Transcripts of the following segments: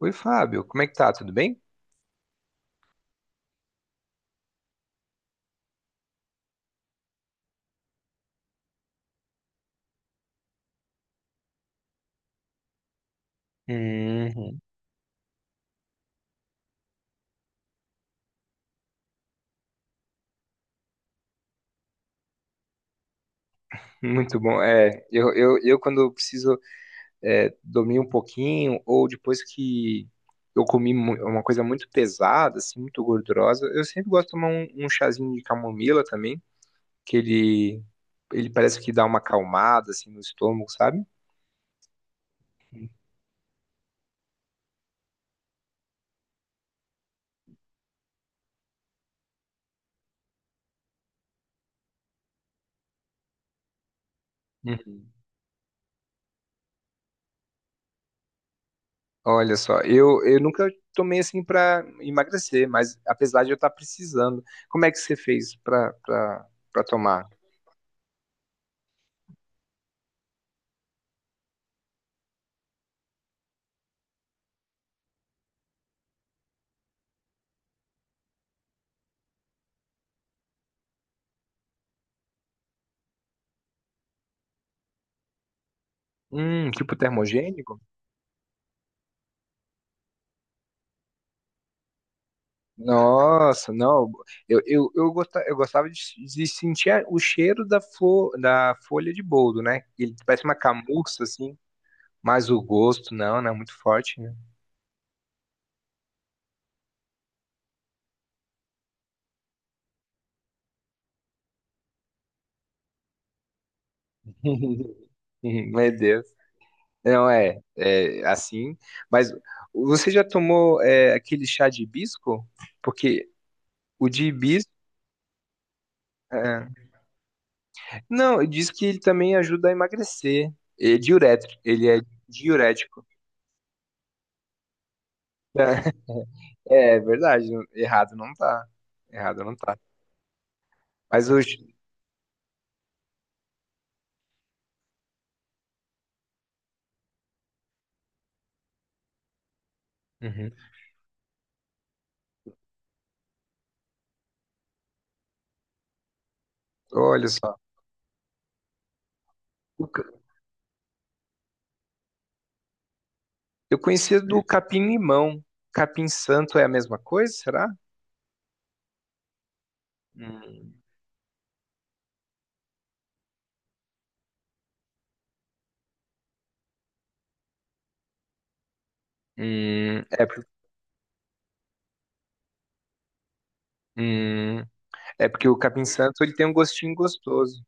Oi, Fábio, como é que tá? Tudo bem? Uhum. Muito bom. É, eu quando eu preciso dormir um pouquinho, ou depois que eu uma coisa muito pesada, assim, muito gordurosa, eu sempre gosto de tomar um chazinho de camomila também, que ele parece que dá uma acalmada, assim, no estômago, sabe? Uhum. Olha só, eu nunca tomei assim pra emagrecer, mas apesar de eu estar precisando, como é que você fez pra tomar? Tipo termogênico? Nossa, não. Eu gostava de sentir o cheiro da folha de boldo, né? Ele parece uma camurça, assim, mas o gosto, não é muito forte, né? Meu Deus. Não, é, é assim. Mas você já tomou aquele chá de hibisco? Porque o de hibisco. É, não, diz que ele também ajuda a emagrecer. É diurético, ele é diurético. É verdade, errado não tá. Errado não tá. Mas hoje, uhum, olha só, o ca- eu conhecia do capim-limão. Capim-santo é a mesma coisa, será? Hum, hum, é, por- hum, é porque o capim-santo ele tem um gostinho gostoso.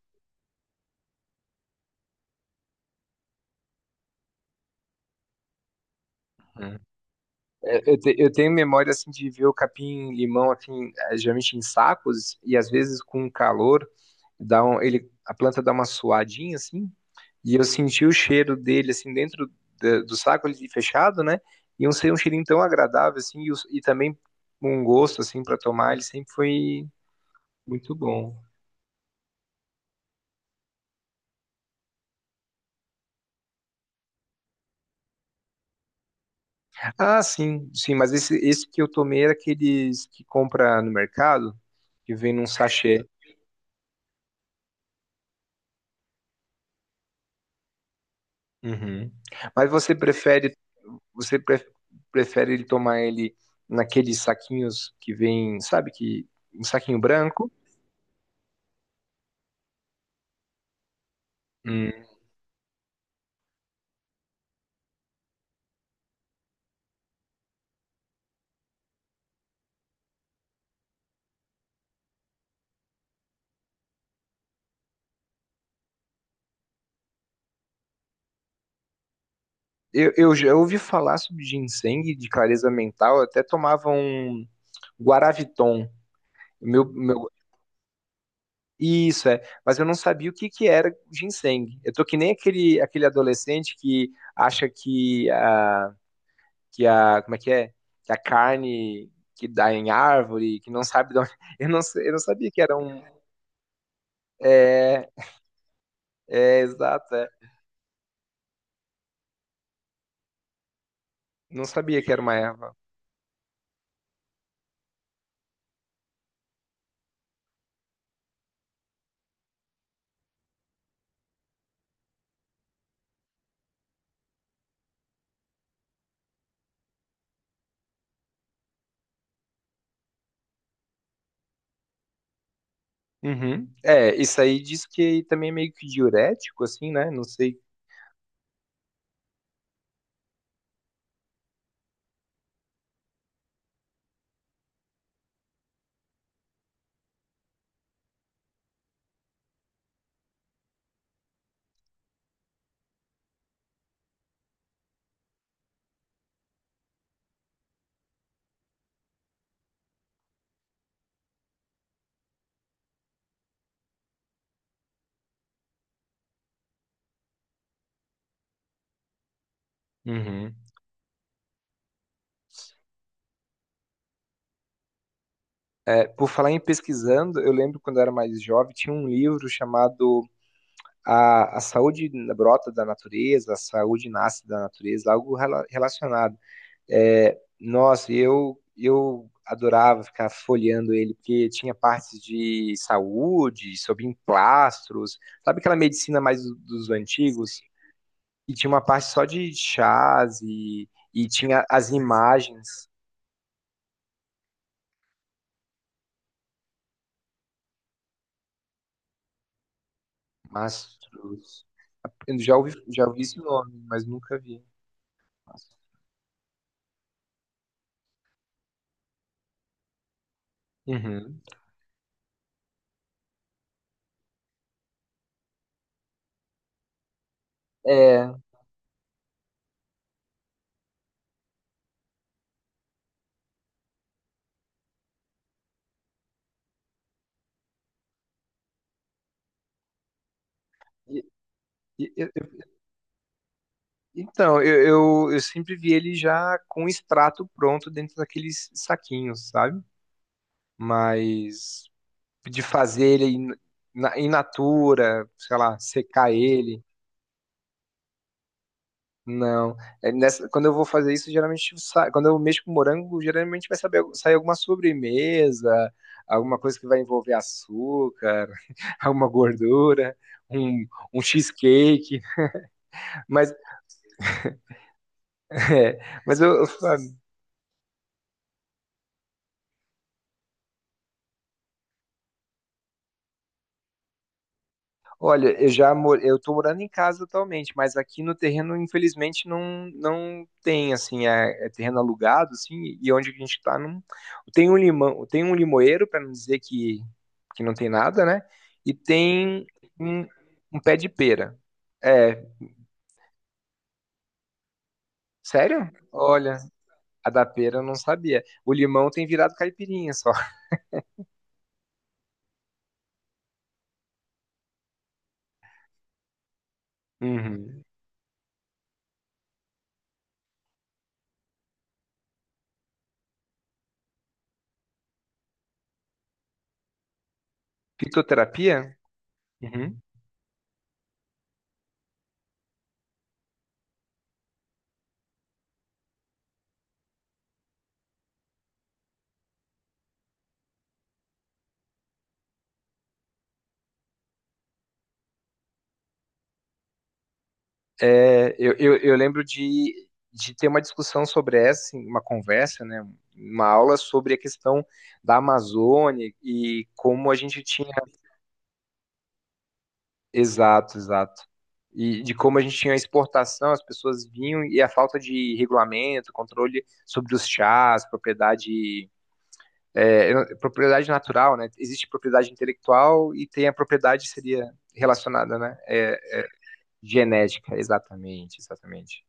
Uhum. É, eu tenho memória assim de ver o capim-limão assim, geralmente em sacos e às vezes com calor. A planta dá uma suadinha assim, e eu senti o cheiro dele assim dentro do saco ali fechado, né? E um, ser um cheirinho tão agradável assim, e também um gosto assim para tomar, ele sempre foi muito bom. Ah, sim, sim, mas esse que eu tomei era aqueles que compra no mercado, que vem num sachê. Uhum. Mas você prefere você pre- prefere ele tomar ele naqueles saquinhos que vem, sabe, que um saquinho branco? Eu já ouvi falar sobre ginseng de clareza mental, eu até tomava um Guaraviton. Meu, meu, isso é, mas eu não sabia o que que era ginseng. Eu tô que nem aquele adolescente que acha como é? Que a carne que dá em árvore, que não sabe de onde... Eu não, eu não sabia que era um... É, exato, é. Não sabia que era uma erva. Uhum. É, isso aí diz que também é meio que diurético, assim, né? Não sei. Uhum. É, por falar em pesquisando, eu lembro quando eu era mais jovem, tinha um livro chamado A, a Saúde Brota da Natureza, A Saúde Nasce da Natureza, algo relacionado. É, nossa, eu adorava ficar folheando ele, porque tinha partes de saúde, sobre emplastros, sabe, aquela medicina mais dos antigos? E tinha uma parte só de chás e tinha as imagens. Mastros. Já ouvi esse nome, mas nunca vi. Mastros. Uhum. É, e- e- eu- eu- então, eu, eu sempre vi ele já com o extrato pronto dentro daqueles saquinhos, sabe? Mas de fazer in natura, sei lá, secar ele. Não. Quando eu vou fazer isso, geralmente sai, quando eu mexo com morango, geralmente sair alguma sobremesa, alguma coisa que vai envolver açúcar, alguma gordura, um, um cheesecake. Mas, é, mas olha, eu tô morando em casa atualmente, mas aqui no terreno, infelizmente, não, não tem, assim, é, é terreno alugado, assim, e onde a gente tá, não... tem um limão, tem um limoeiro, para não dizer que não tem nada, né? E tem um, um pé de pera. É, sério? Olha, a da pera eu não sabia. O limão tem virado caipirinha só. Uhum. Fitoterapia? Uhum. É, eu lembro de ter uma discussão sobre essa, assim, uma conversa, né, uma aula sobre a questão da Amazônia e como a gente tinha. Exato, exato. E de como a gente tinha exportação, as pessoas vinham e a falta de regulamento, controle sobre os chás, propriedade. É, eu não- propriedade natural, né? Existe propriedade intelectual e tem a propriedade que seria relacionada, né? É, genética, exatamente, exatamente.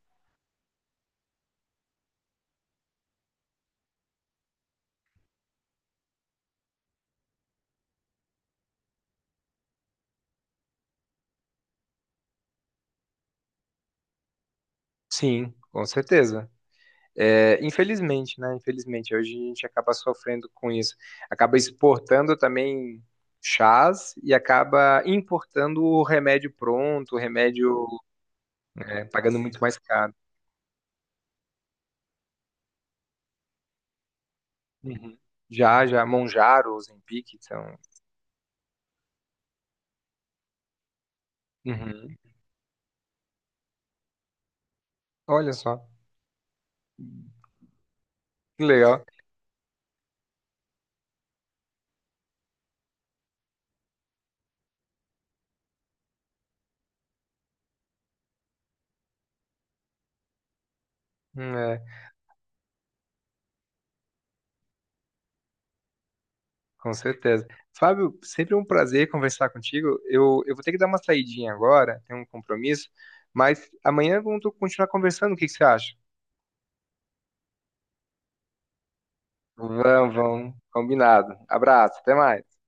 Sim, com certeza. É, infelizmente, né? Infelizmente, hoje a gente acaba sofrendo com isso. Acaba exportando também chás e acaba importando o remédio pronto, o remédio é, pagando muito mais caro. Uhum. Já, já, Monjaro, Ozempic, então. Uhum. Olha só, que legal. É, com certeza. Fábio, sempre um prazer conversar contigo. Eu vou ter que dar uma saidinha agora, tenho um compromisso, mas amanhã vamos continuar conversando. O que que você acha? Vamos, vamos. Combinado. Abraço, até mais.